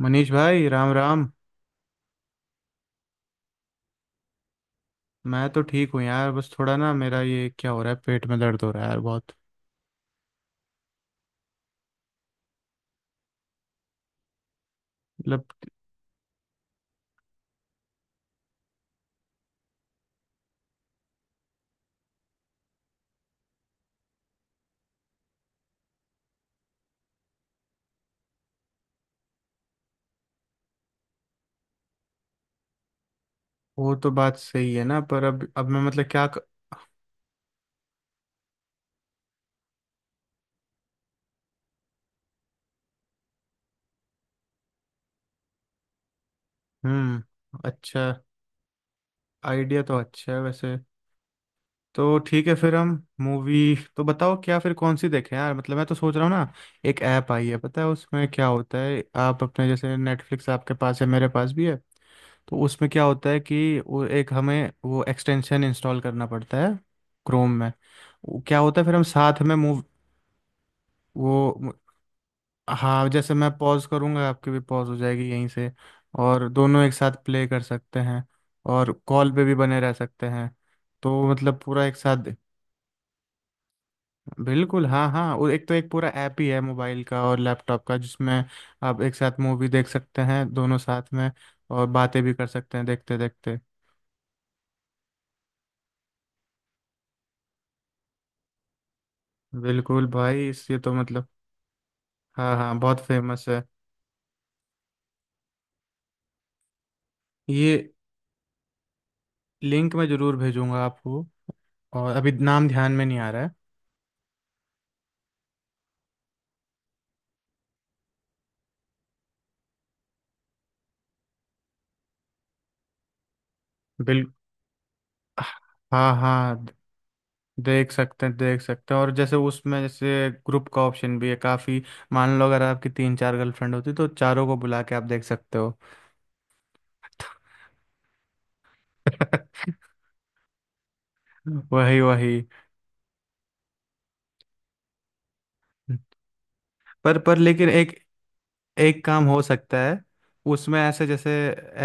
मनीष भाई राम राम। मैं तो ठीक हूँ यार, बस थोड़ा ना, मेरा ये क्या हो रहा है, पेट में दर्द हो रहा है यार बहुत। मतलब वो तो बात सही है ना, पर अब मैं मतलब क्या हम्म। अच्छा, आइडिया तो अच्छा है वैसे। तो ठीक है फिर हम मूवी तो बताओ, क्या फिर कौन सी देखें यार, मतलब मैं तो सोच रहा हूँ ना। एक ऐप आई है, पता है उसमें क्या होता है, आप अपने जैसे नेटफ्लिक्स आपके पास है, मेरे पास भी है। तो उसमें क्या होता है कि वो एक हमें वो एक्सटेंशन इंस्टॉल करना पड़ता है, क्रोम में। वो क्या होता है फिर हम साथ में मूव वो हाँ, जैसे मैं पॉज करूँगा, आपकी भी पॉज हो जाएगी यहीं से। और दोनों एक साथ प्ले कर सकते हैं। और कॉल पे भी बने रह सकते हैं। तो मतलब पूरा एक साथ। बिल्कुल हाँ हाँ, और एक तो एक पूरा ऐप ही है मोबाइल का और लैपटॉप का, जिसमें आप एक साथ मूवी देख सकते हैं दोनों साथ में। और बातें भी कर सकते हैं देखते देखते। बिल्कुल भाई, इस ये तो मतलब, हाँ हाँ, बहुत फेमस है। ये लिंक मैं जरूर भेजूंगा आपको। और अभी नाम ध्यान में नहीं आ रहा है। बिल हाँ हाँ, देख सकते हैं देख सकते हैं। और जैसे उसमें जैसे ग्रुप का ऑप्शन भी है काफ़ी। मान लो अगर आपकी तीन चार गर्लफ्रेंड होती, तो चारों को बुला के आप देख सकते हो। वही वही। पर लेकिन एक एक काम हो सकता है। उसमें ऐसे, जैसे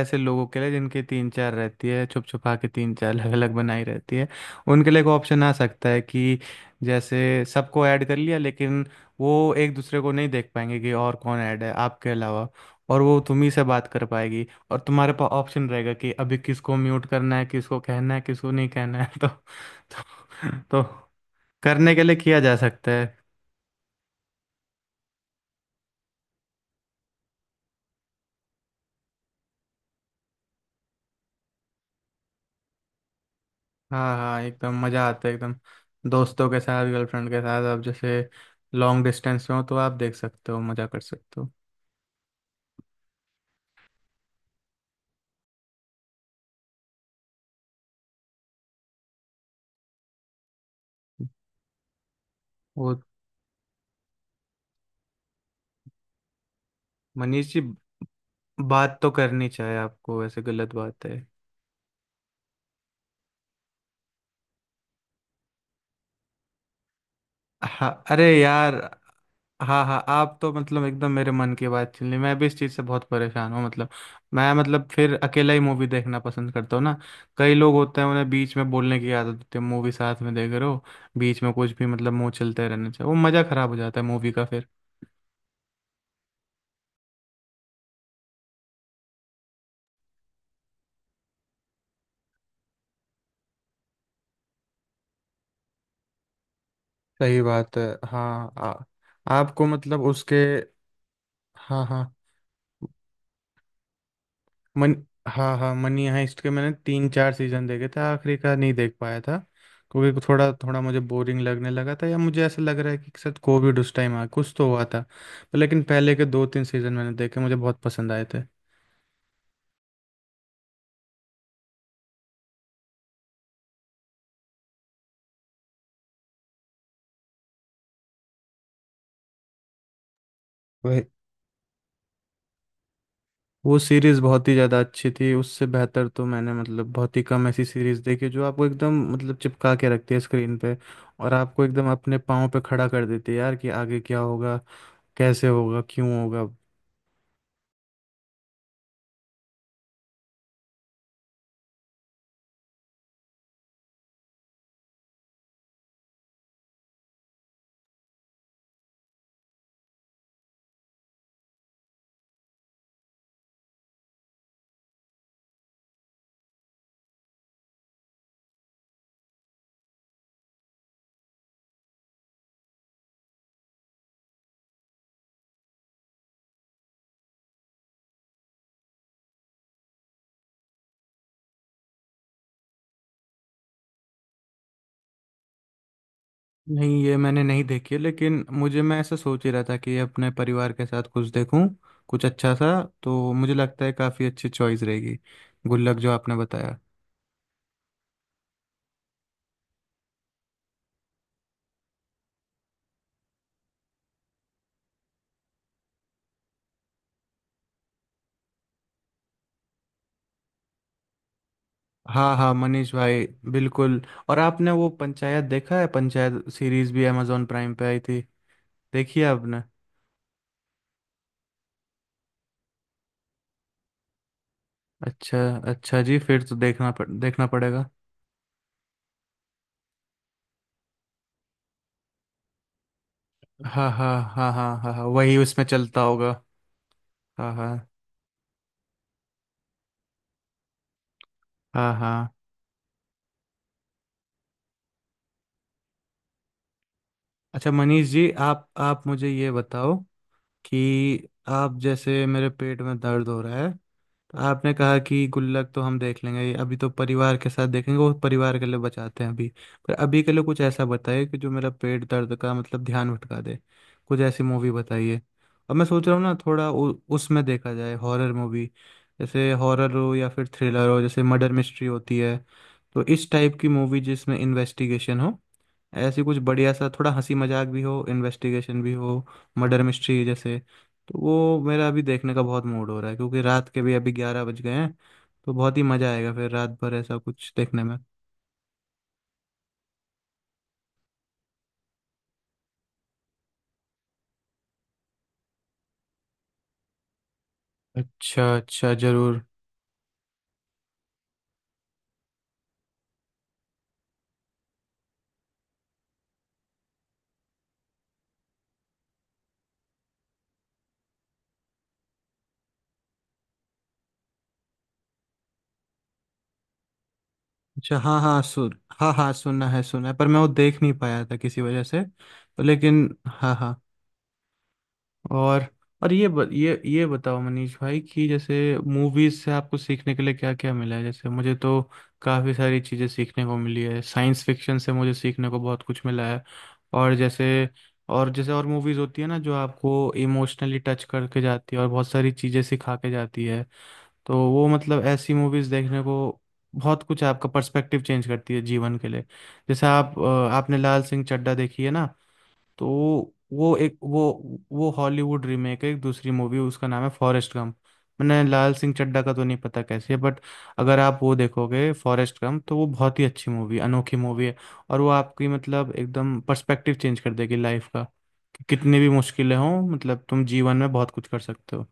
ऐसे लोगों के लिए जिनकी तीन चार रहती है, छुप छुपा के तीन चार अलग अलग बनाई रहती है, उनके लिए एक ऑप्शन आ सकता है कि जैसे सबको ऐड कर लिया, लेकिन वो एक दूसरे को नहीं देख पाएंगे कि और कौन ऐड है आपके अलावा। और वो तुम ही से बात कर पाएगी, और तुम्हारे पास ऑप्शन रहेगा कि अभी किसको म्यूट करना है, किसको कहना है, किसको नहीं कहना है। तो करने के लिए किया जा सकता है। हाँ हाँ, एकदम मज़ा आता है एकदम। दोस्तों के साथ, गर्लफ्रेंड के साथ, आप जैसे लॉन्ग डिस्टेंस में हो तो आप देख सकते हो, मज़ा कर सकते हो। वो मनीष जी, बात तो करनी चाहिए आपको, ऐसे गलत बात है। हाँ अरे यार, हाँ हाँ, आप तो मतलब एकदम मेरे मन की बात छीन ली, मैं भी इस चीज़ से बहुत परेशान हूँ मतलब। मैं मतलब फिर अकेला ही मूवी देखना पसंद करता हूँ ना। कई लोग होते हैं, उन्हें बीच में बोलने की आदत होती है, मूवी साथ में देख रहे हो, बीच में कुछ भी, मतलब मुंह चलते रहना चाहिए, वो मज़ा खराब हो जाता है मूवी का फिर। सही बात है हाँ। आपको मतलब उसके, हाँ हाँ, मन हाँ हाँ, मनी हाइस्ट के मैंने तीन चार सीजन देखे थे, आखिरी का नहीं देख पाया था। क्योंकि थोड़ा थोड़ा मुझे बोरिंग लगने लगा था, या मुझे ऐसा लग रहा है कि शायद कोविड उस टाइम आ कुछ तो हुआ था। पर लेकिन पहले के दो तीन सीजन मैंने देखे, मुझे बहुत पसंद आए थे। वो सीरीज बहुत ही ज़्यादा अच्छी थी, उससे बेहतर तो मैंने मतलब बहुत ही कम ऐसी सीरीज देखी जो आपको एकदम मतलब चिपका के रखती है स्क्रीन पे। और आपको एकदम अपने पाँव पे खड़ा कर देती है यार, कि आगे क्या होगा, कैसे होगा, क्यों होगा। नहीं, ये मैंने नहीं देखी है, लेकिन मुझे, मैं ऐसा सोच ही रहा था कि अपने परिवार के साथ कुछ देखूं, कुछ अच्छा सा। तो मुझे लगता है काफ़ी अच्छी चॉइस रहेगी, गुल्लक जो आपने बताया। हाँ हाँ, मनीष भाई, बिल्कुल। और आपने वो पंचायत देखा है, पंचायत सीरीज भी अमेजोन प्राइम पे आई थी। देखिए आपने। अच्छा, अच्छा जी, फिर तो देखना पड़ेगा। हाँ हाँ हाँ हाँ हाँ हाँ, वही उसमें चलता होगा। हाँ हाँ हाँ हाँ। अच्छा मनीष जी, आप मुझे ये बताओ कि आप, जैसे मेरे पेट में दर्द हो रहा है, तो आपने कहा कि गुल्लक तो हम देख लेंगे, ये अभी तो परिवार के साथ देखेंगे, वो परिवार के लिए बचाते हैं अभी। पर अभी के लिए कुछ ऐसा बताइए कि जो मेरा पेट दर्द का मतलब ध्यान भटका दे। कुछ ऐसी मूवी बताइए। अब मैं सोच रहा हूँ ना थोड़ा उसमें देखा जाए हॉरर मूवी, जैसे हॉरर हो या फिर थ्रिलर हो, जैसे मर्डर मिस्ट्री होती है। तो इस टाइप की मूवी जिसमें इन्वेस्टिगेशन हो, ऐसी कुछ बढ़िया सा, थोड़ा हंसी मजाक भी हो, इन्वेस्टिगेशन भी हो, मर्डर मिस्ट्री जैसे। तो वो मेरा अभी देखने का बहुत मूड हो रहा है, क्योंकि रात के भी अभी 11 बज गए हैं। तो बहुत ही मज़ा आएगा फिर रात भर ऐसा कुछ देखने में। अच्छा अच्छा, जरूर। अच्छा, हाँ हाँ, सुन हाँ हाँ, सुनना है, सुना है, पर मैं वो देख नहीं पाया था किसी वजह से, तो लेकिन हाँ हाँ। और और ये ब, ये बताओ मनीष भाई, कि जैसे मूवीज से आपको सीखने के लिए क्या क्या मिला है, जैसे मुझे तो काफ़ी सारी चीज़ें सीखने को मिली है, साइंस फिक्शन से मुझे सीखने को बहुत कुछ मिला है। और जैसे और मूवीज होती है ना, जो आपको इमोशनली टच करके जाती है और बहुत सारी चीज़ें सिखा के जाती है। तो वो मतलब ऐसी मूवीज देखने को, बहुत कुछ आपका पर्सपेक्टिव चेंज करती है जीवन के लिए। जैसे आप आपने लाल सिंह चड्ढा देखी है ना। तो वो हॉलीवुड रीमेक है एक दूसरी मूवी, उसका नाम है फॉरेस्ट गम। मैंने लाल सिंह चड्ढा का तो नहीं पता कैसी है, बट अगर आप वो देखोगे फॉरेस्ट गम, तो वो बहुत ही अच्छी मूवी, अनोखी मूवी है। और वो आपकी मतलब एकदम पर्सपेक्टिव चेंज कर देगी लाइफ का, कि कितनी भी मुश्किलें हों मतलब तुम जीवन में बहुत कुछ कर सकते हो।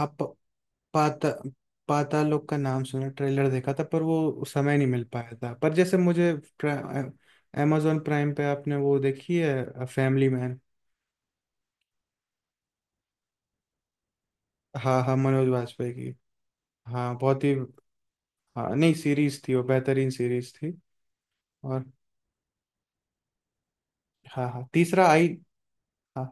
आप पाता पाताल लोक का नाम सुना, ट्रेलर देखा था, पर वो समय नहीं मिल पाया था, पर जैसे मुझे, अमेजोन प्राइम पे आपने वो देखी है फैमिली मैन। हाँ हाँ, मनोज वाजपेयी की। हाँ बहुत ही। हाँ नहीं, सीरीज थी, वो बेहतरीन सीरीज थी। और हाँ हाँ, तीसरा आई। हाँ,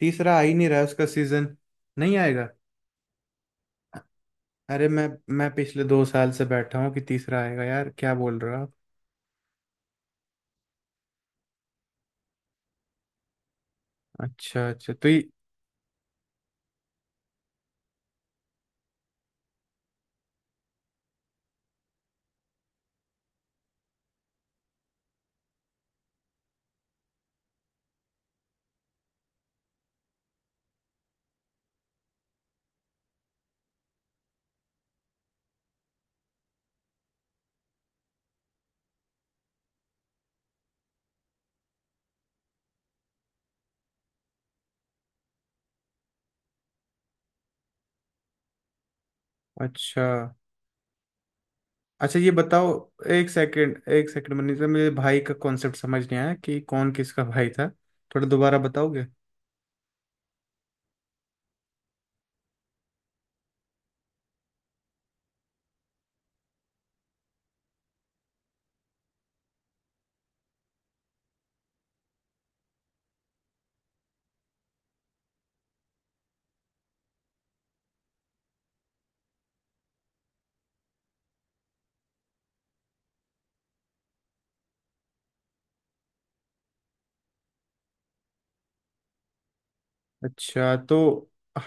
तीसरा आई नहीं रहा उसका सीजन। नहीं आएगा। अरे मैं पिछले 2 साल से बैठा हूँ कि तीसरा आएगा यार, क्या बोल रहे हो आप। अच्छा अच्छा, तो ये, अच्छा अच्छा, ये बताओ। एक सेकंड, एक सेकंड मनीष सर, मुझे भाई का कॉन्सेप्ट समझ नहीं आया कि कौन किसका भाई था। थोड़ा दोबारा बताओगे। अच्छा, तो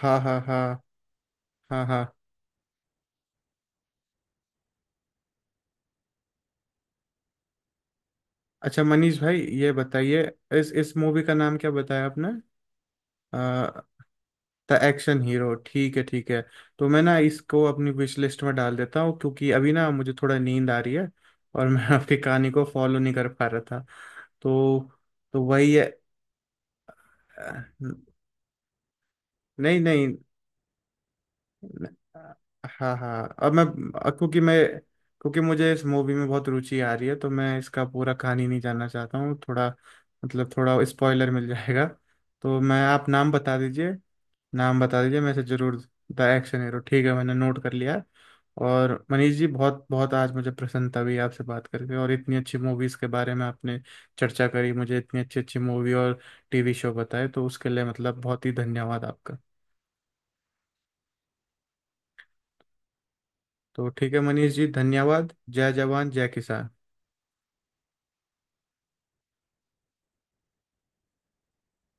हाँ हाँ हाँ हाँ हाँ। अच्छा मनीष भाई, ये बताइए, इस मूवी का नाम क्या बताया आपने। द एक्शन हीरो, ठीक है ठीक है। तो मैं ना इसको अपनी विश लिस्ट में डाल देता हूँ, क्योंकि अभी ना मुझे थोड़ा नींद आ रही है, और मैं आपकी कहानी को फॉलो नहीं कर पा रहा था। तो तो वही है। अ, नहीं नहीं, हाँ हाँ, अब मैं अ, क्योंकि मैं क्योंकि मुझे इस मूवी में बहुत रुचि आ रही है, तो मैं इसका पूरा कहानी नहीं जानना चाहता हूँ, थोड़ा मतलब थोड़ा स्पॉइलर मिल जाएगा। तो मैं, आप नाम बता दीजिए, नाम बता दीजिए मैं इसे जरूर। द एक्शन हीरो, ठीक है, मैंने नोट कर लिया। और मनीष जी, बहुत बहुत आज मुझे प्रसन्नता हुई आपसे बात करके, और इतनी अच्छी मूवीज़ के बारे में आपने चर्चा करी, मुझे इतनी अच्छी अच्छी मूवी और टीवी शो बताए, तो उसके लिए मतलब बहुत ही धन्यवाद आपका। तो ठीक है मनीष जी, धन्यवाद, जय जवान जय किसान।